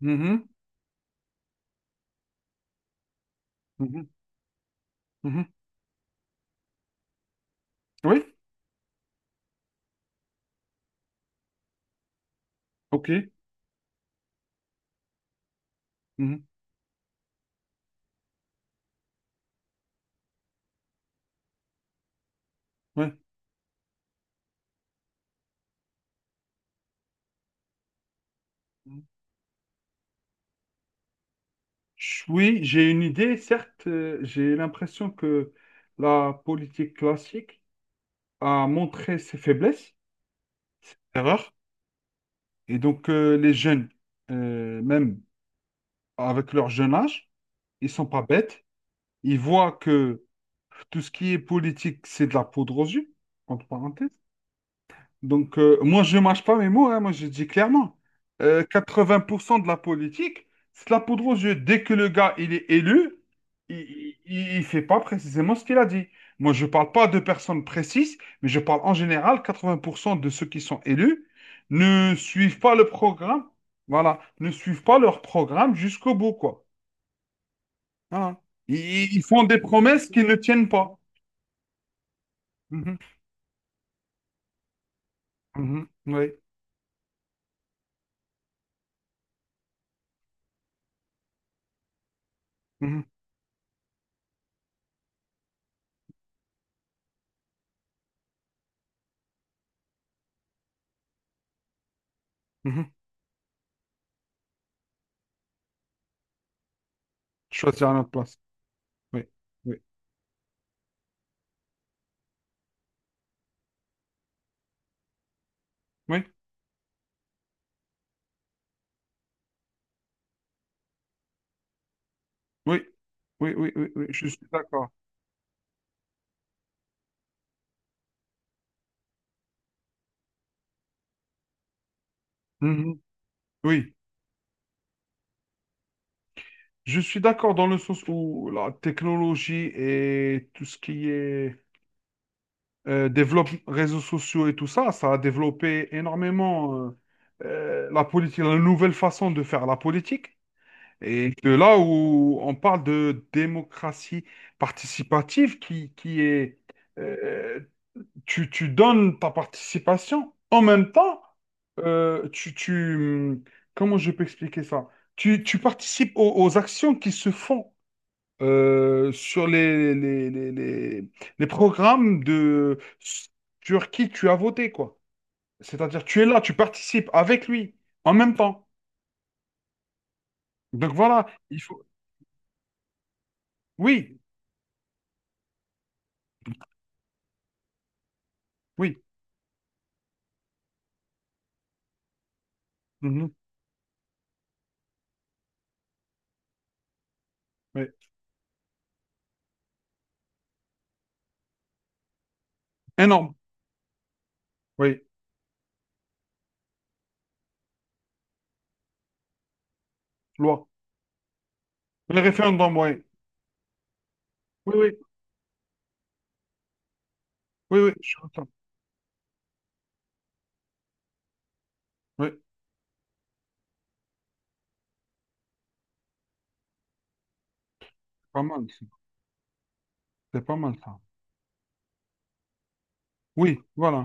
Mhm, mhm, mhm. Oui, ok. Mhm, ouais. Mhm. Oui, j'ai une idée. Certes, j'ai l'impression que la politique classique a montré ses faiblesses, ses erreurs. Et donc, les jeunes, même avec leur jeune âge, ils sont pas bêtes. Ils voient que tout ce qui est politique, c'est de la poudre aux yeux, entre parenthèses. Donc, moi, je mâche pas mes mots, hein, moi, je dis clairement. 80% de la politique, c'est de la poudre aux yeux. Dès que le gars, il est élu, il ne fait pas précisément ce qu'il a dit. Moi, je ne parle pas de personnes précises, mais je parle en général, 80% de ceux qui sont élus ne suivent pas le programme, voilà, ne suivent pas leur programme jusqu'au bout, quoi. Voilà. Ils font des promesses qu'ils ne tiennent pas. Mhm, mhm, oui, mhm, mhm. Choisir à notre place. Oui, oui, oui. Oui, oui, oui, oui, oui, je suis d'accord. Mhm. Oui, je suis d'accord dans le sens où la technologie et tout ce qui est développe réseaux sociaux et tout ça, ça a développé énormément la politique, la nouvelle façon de faire la politique. Et de là où on parle de démocratie participative qui est euh, tu donnes ta participation, en même temps, euh, tu, tu, hum, comment je peux expliquer ça? Tu participes aux, aux actions qui se font sur les programmes de, sur qui tu as voté, quoi. C'est-à-dire, tu es là, tu participes avec lui, en même temps. Donc voilà, il faut... Oui, oui, mhm, oui. Énorme, oui, loi. Les référendums, oui. Oui, oui, oui, oui, je suis content. Oui, c'est pas mal, ça. C'est pas mal, ça. Oui, voilà.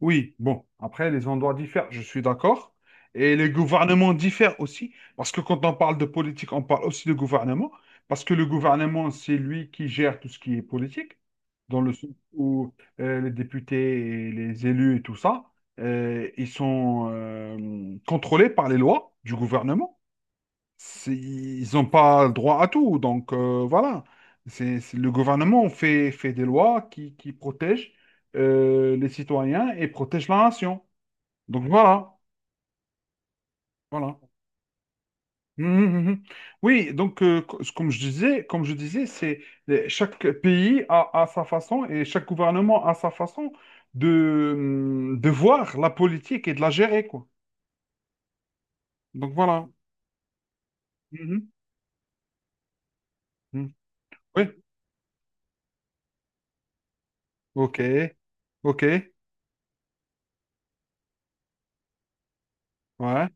Oui, bon, après, les endroits diffèrent, je suis d'accord. Et les gouvernements diffèrent aussi, parce que quand on parle de politique, on parle aussi de gouvernement, parce que le gouvernement, c'est lui qui gère tout ce qui est politique, dans le sens où les députés, et les élus et tout ça, ils sont contrôlés par les lois du gouvernement. Ils n'ont pas droit à tout. Donc voilà, le gouvernement fait des lois qui protègent les citoyens et protègent la nation. Donc voilà, voilà. Mhm, mhm. Oui, donc comme je disais, c'est chaque pays a sa façon et chaque gouvernement a sa façon de voir la politique et de la gérer, quoi. Donc voilà. Mhm, mhm. Oui, ok, ok, ouais,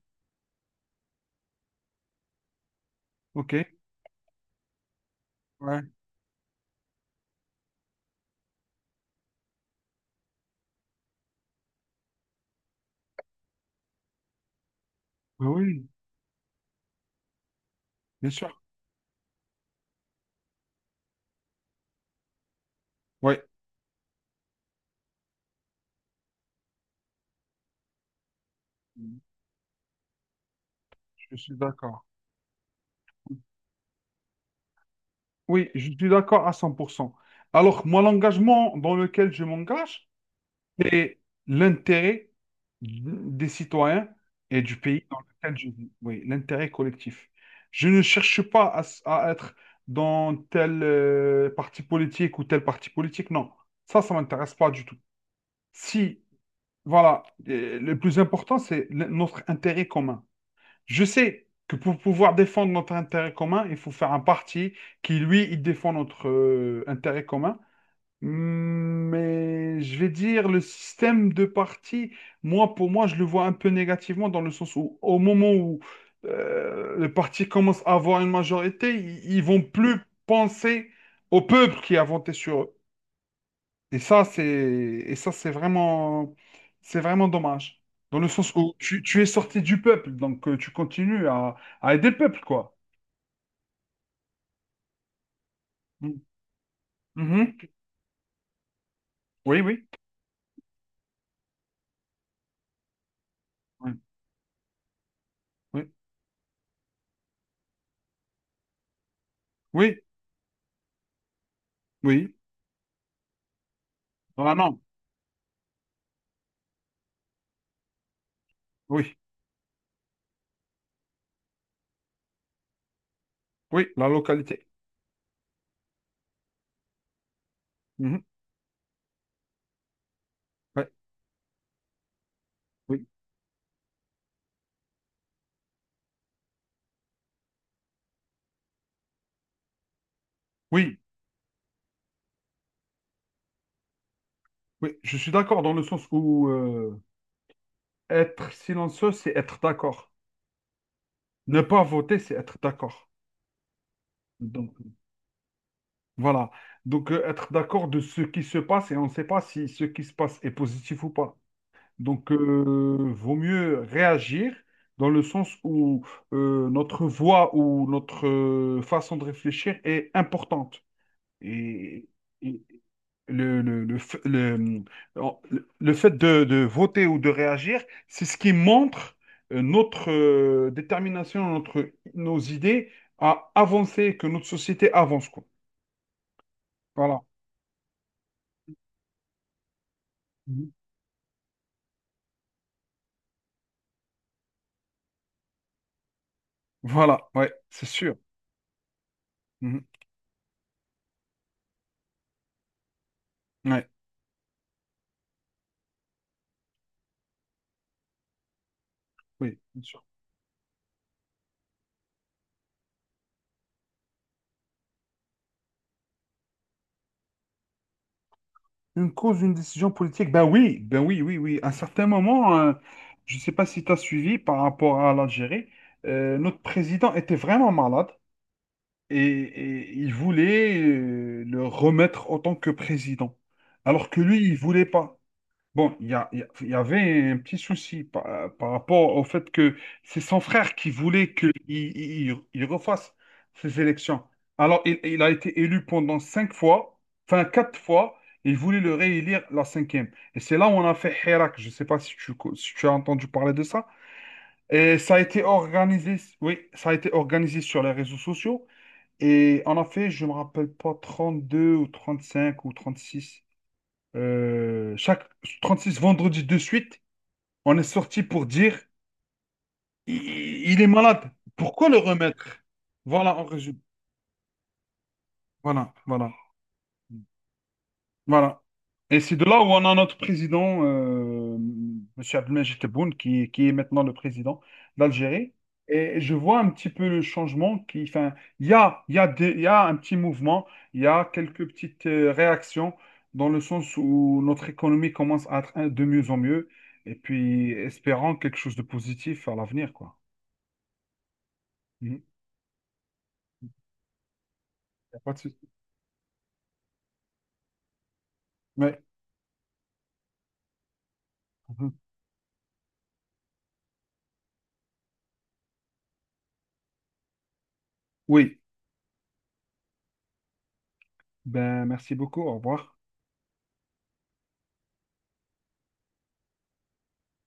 ok. Ouais. Oui, oui, bien sûr. Oui, je suis d'accord. Oui, je suis d'accord à 100%. Alors, moi, l'engagement dans lequel je m'engage, c'est l'intérêt des citoyens et du pays dans lequel je vis. Oui, l'intérêt collectif. Je ne cherche pas à, s- À être dans tel parti politique ou tel parti politique. Non, ça m'intéresse pas du tout. Si, voilà, le plus important, c'est notre intérêt commun. Je sais que pour pouvoir défendre notre intérêt commun, il faut faire un parti qui, lui, il défend notre intérêt commun. Mais je vais dire, le système de parti, moi, pour moi, je le vois un peu négativement dans le sens où, au moment où le parti commence à avoir une majorité, ils vont plus penser au peuple qui a voté sur eux. Et ça, c'est vraiment dommage. Dans le sens où tu es sorti du peuple, donc tu continues à aider le peuple, quoi. Mm. Mhm. Oui, oui. Oui, oui, oui. Oui. Vraiment. Oui, oui, la localité. Mhm. Ouais. Oui, oui, oui. Je suis d'accord dans le sens où être silencieux, c'est être d'accord. Ne pas voter, c'est être d'accord. Donc, voilà. Donc, être d'accord de ce qui se passe et on ne sait pas si ce qui se passe est positif ou pas. Donc, vaut mieux réagir dans le sens où notre voix ou notre façon de réfléchir est importante. Et, et le, le, le, f- le- euh, le fait de voter ou de réagir, c'est ce qui montre notre détermination, notre, nos idées à avancer, que notre société avance, quoi. Voilà. Mhm. Voilà, ouais, c'est sûr. Mhm. Ouais, oui, bien sûr. Une cause, une décision politique? Ben oui, oui, oui. À un certain moment, je ne sais pas si tu as suivi par rapport à l'Algérie, notre président était vraiment malade et il voulait le remettre en tant que président. Alors que lui, il voulait pas. Bon, il y avait un petit souci par, par rapport au fait que c'est son frère qui voulait il refasse ces élections. Alors, il a été élu pendant cinq fois, enfin quatre fois, il voulait le réélire la cinquième. Et c'est là où on a fait Hirak. Je ne sais pas si si tu as entendu parler de ça. Et ça a été organisé, oui, ça a été organisé sur les réseaux sociaux. Et on a fait, je ne me rappelle pas, 32 ou 35 ou 36. Chaque 6 vendredis de suite, on est sorti pour dire il, il est malade. Pourquoi le remettre? Voilà, en résumé. Voilà, voilà. Voilà. Et c'est de là où on a notre président, Monsieur Abdelmajid Tebboune, qui est maintenant le président d'Algérie. Et je vois un petit peu le changement qui, enfin, il y a il y a un petit mouvement, il y a quelques petites réactions dans le sens où notre économie commence à être hein, de mieux en mieux. Et puis, espérant quelque chose de positif à l'avenir, quoi. Mhm. Y a pas de souci. Ouais. Mhm. Oui. Ben, merci beaucoup. Au revoir.